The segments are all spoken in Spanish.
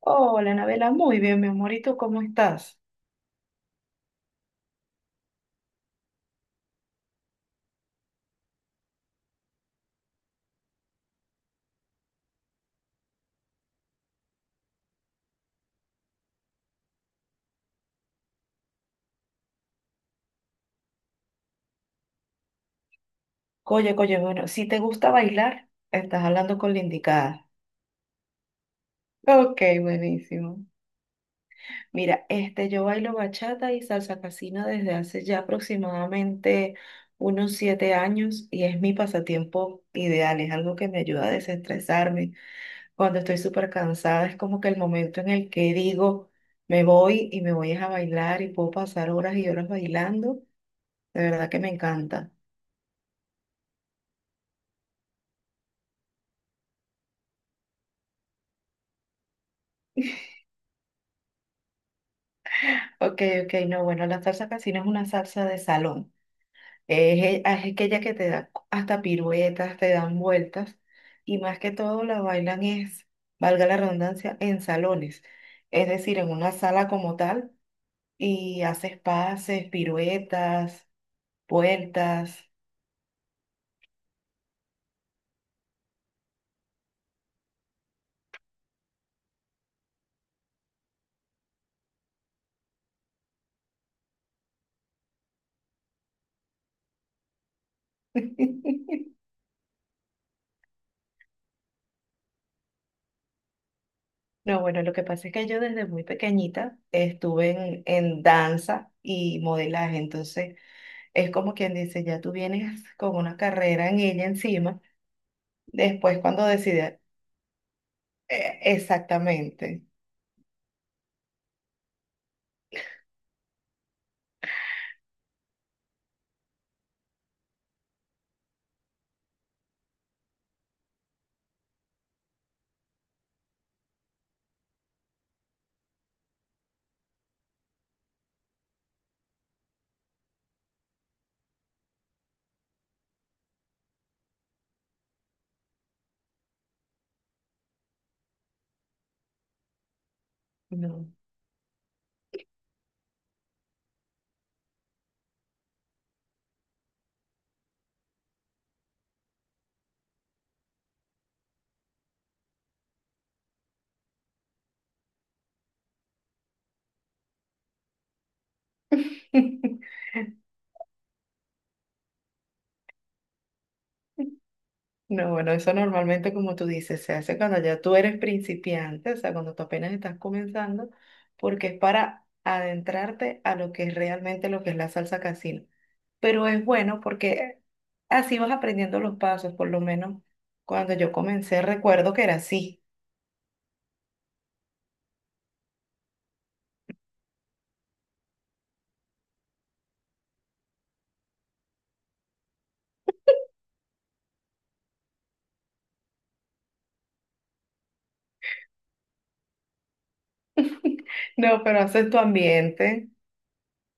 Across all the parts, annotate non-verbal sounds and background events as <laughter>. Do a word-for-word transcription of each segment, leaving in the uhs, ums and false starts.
Hola, Anabela, muy bien, mi amorito, ¿cómo estás? Oye, oye, bueno, si te gusta bailar, estás hablando con la indicada. Ok, buenísimo. Mira, este, yo bailo bachata y salsa casina desde hace ya aproximadamente unos siete años y es mi pasatiempo ideal, es algo que me ayuda a desestresarme. Cuando estoy súper cansada, es como que el momento en el que digo, me voy y me voy es a bailar y puedo pasar horas y horas bailando. De verdad que me encanta. Ok, ok, no, bueno, la salsa casino es una salsa de salón. Es, e- es aquella que te da hasta piruetas, te dan vueltas y más que todo la bailan es, valga la redundancia, en salones, es decir, en una sala como tal y haces pases, piruetas, vueltas. <laughs> No, bueno, lo que pasa es que yo desde muy pequeñita estuve en, en danza y modelaje, entonces es como quien dice, ya tú vienes con una carrera en ella encima. Después, cuando decide, eh, exactamente. No. <laughs> No, bueno, eso normalmente, como tú dices, se hace cuando ya tú eres principiante, o sea, cuando tú apenas estás comenzando, porque es para adentrarte a lo que es realmente lo que es la salsa casino. Pero es bueno porque así vas aprendiendo los pasos, por lo menos cuando yo comencé, recuerdo que era así. <laughs> No, pero haces tu ambiente.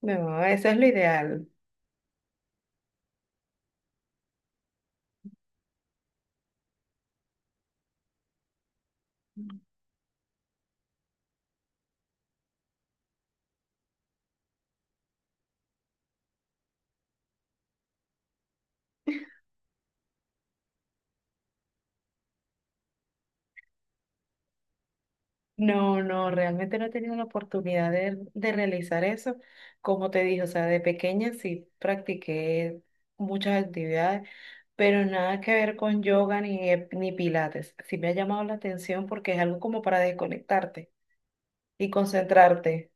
No, eso es lo ideal. No, no, realmente no he tenido la oportunidad de, de realizar eso. Como te dije, o sea, de pequeña sí practiqué muchas actividades, pero nada que ver con yoga ni, eh, ni pilates. Sí me ha llamado la atención porque es algo como para desconectarte y concentrarte.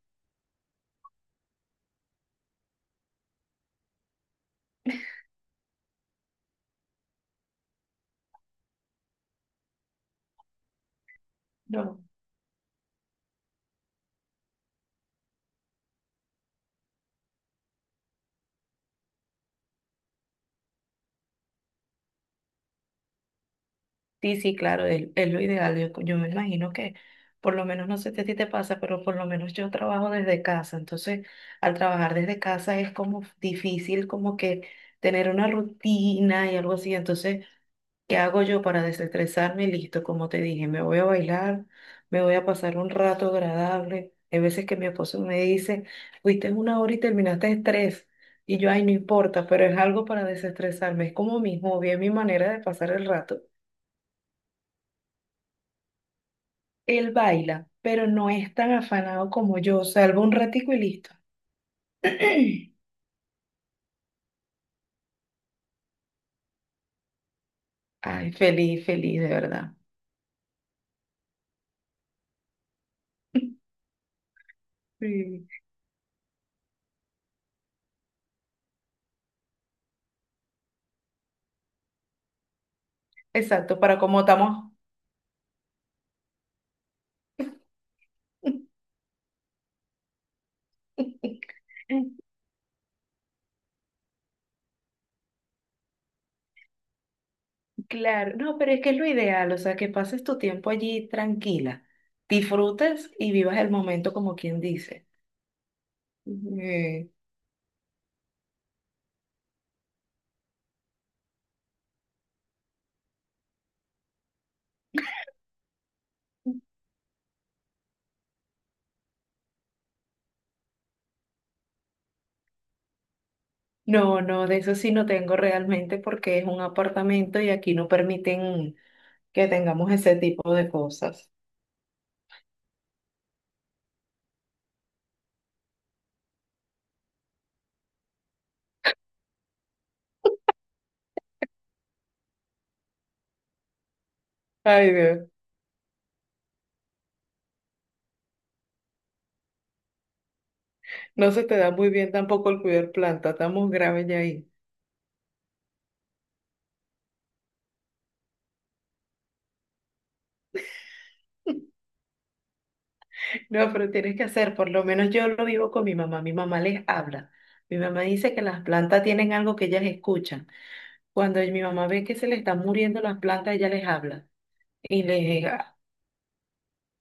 No. Sí, sí, claro, es, es lo ideal. Yo, yo me imagino que, por lo menos, no sé si a ti te pasa, pero por lo menos yo trabajo desde casa. Entonces, al trabajar desde casa es como difícil como que tener una rutina y algo así. Entonces, ¿qué hago yo para desestresarme? Listo, como te dije, me voy a bailar, me voy a pasar un rato agradable. Hay veces que mi esposo me dice, fuiste una hora y terminaste en tres. Y yo, ay, no importa, pero es algo para desestresarme. Es como mi hobby, es mi manera de pasar el rato. Él baila, pero no es tan afanado como yo. Salvo un ratico y listo. Ay, feliz, feliz, de verdad. <laughs> Sí, exacto, para cómo estamos. <laughs> Claro, no, pero es que es lo ideal, o sea, que pases tu tiempo allí tranquila, disfrutes y vivas el momento como quien dice. Eh, No, no, de eso sí no tengo realmente porque es un apartamento y aquí no permiten que tengamos ese tipo de cosas. Ay, Dios. No se te da muy bien tampoco el cuidar planta, estamos graves ya ahí. <laughs> No, pero tienes que hacer, por lo menos yo lo vivo con mi mamá, mi mamá les habla. Mi mamá dice que las plantas tienen algo que ellas escuchan. Cuando mi mamá ve que se le están muriendo las plantas, ella les habla. Y les, ah,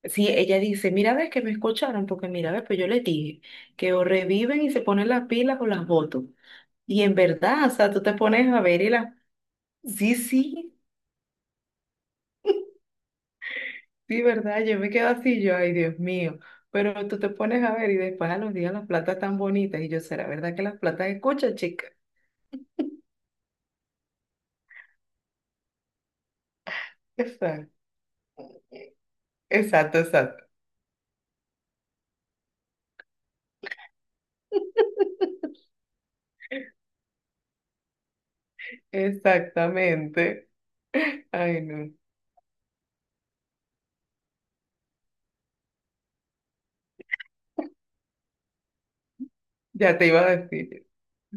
sí, ella dice, mira, ves que me escucharon, porque mira, ves, pues yo les dije que o reviven y se ponen las pilas o las boto. Y en verdad, o sea, tú te pones a ver y las... Sí, sí, sí, verdad, yo me quedo así, yo, ay, Dios mío. Pero tú te pones a ver y después a los días las platas tan bonitas. Y yo, ¿será verdad que las platas escuchan, chica? Exacto, exacto, exacto. <laughs> Exactamente. Ay, no. Ya te iba a decir.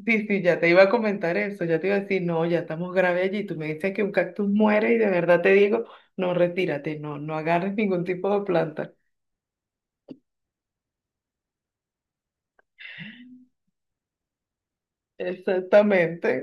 Sí, sí, ya te iba a comentar eso. Ya te iba a decir, no, ya estamos grave allí. Tú me dices que un cactus muere y de verdad te digo, no, retírate, no, no agarres ningún tipo de planta. Exactamente.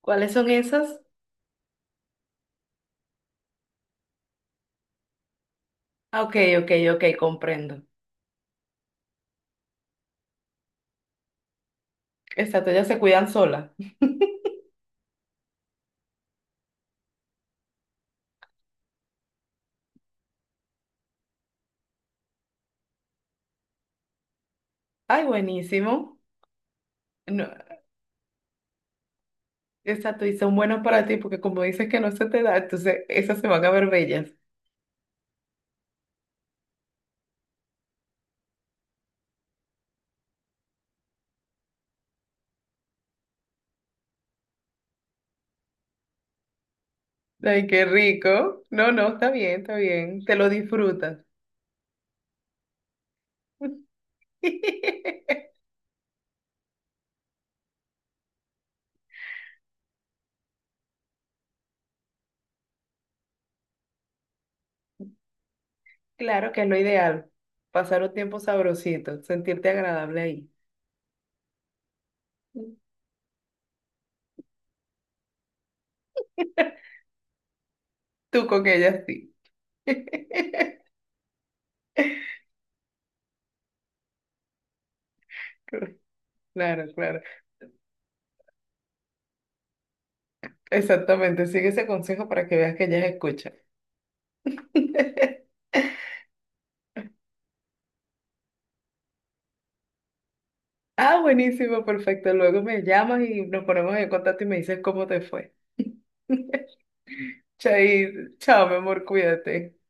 ¿Cuáles son esas? Ah, Ok, ok, ok, comprendo. Exacto, ellas se cuidan solas. Ay, buenísimo. No, exacto, y son buenos para ti porque como dices que no se te da, entonces esas se van a ver bellas. Ay, qué rico. No, no, está bien, está bien. Te lo disfrutas. <laughs> Claro que es lo ideal. Pasar un tiempo sabrosito, sentirte agradable ahí. Tú con ellas sí. <laughs> Claro, claro. Exactamente. Sigue ese consejo para que veas que ellas escuchan. <laughs> Ah, buenísimo, perfecto. Luego me llamas y nos ponemos en contacto y me dices cómo te fue. Chai, chao, mi amor, cuídate.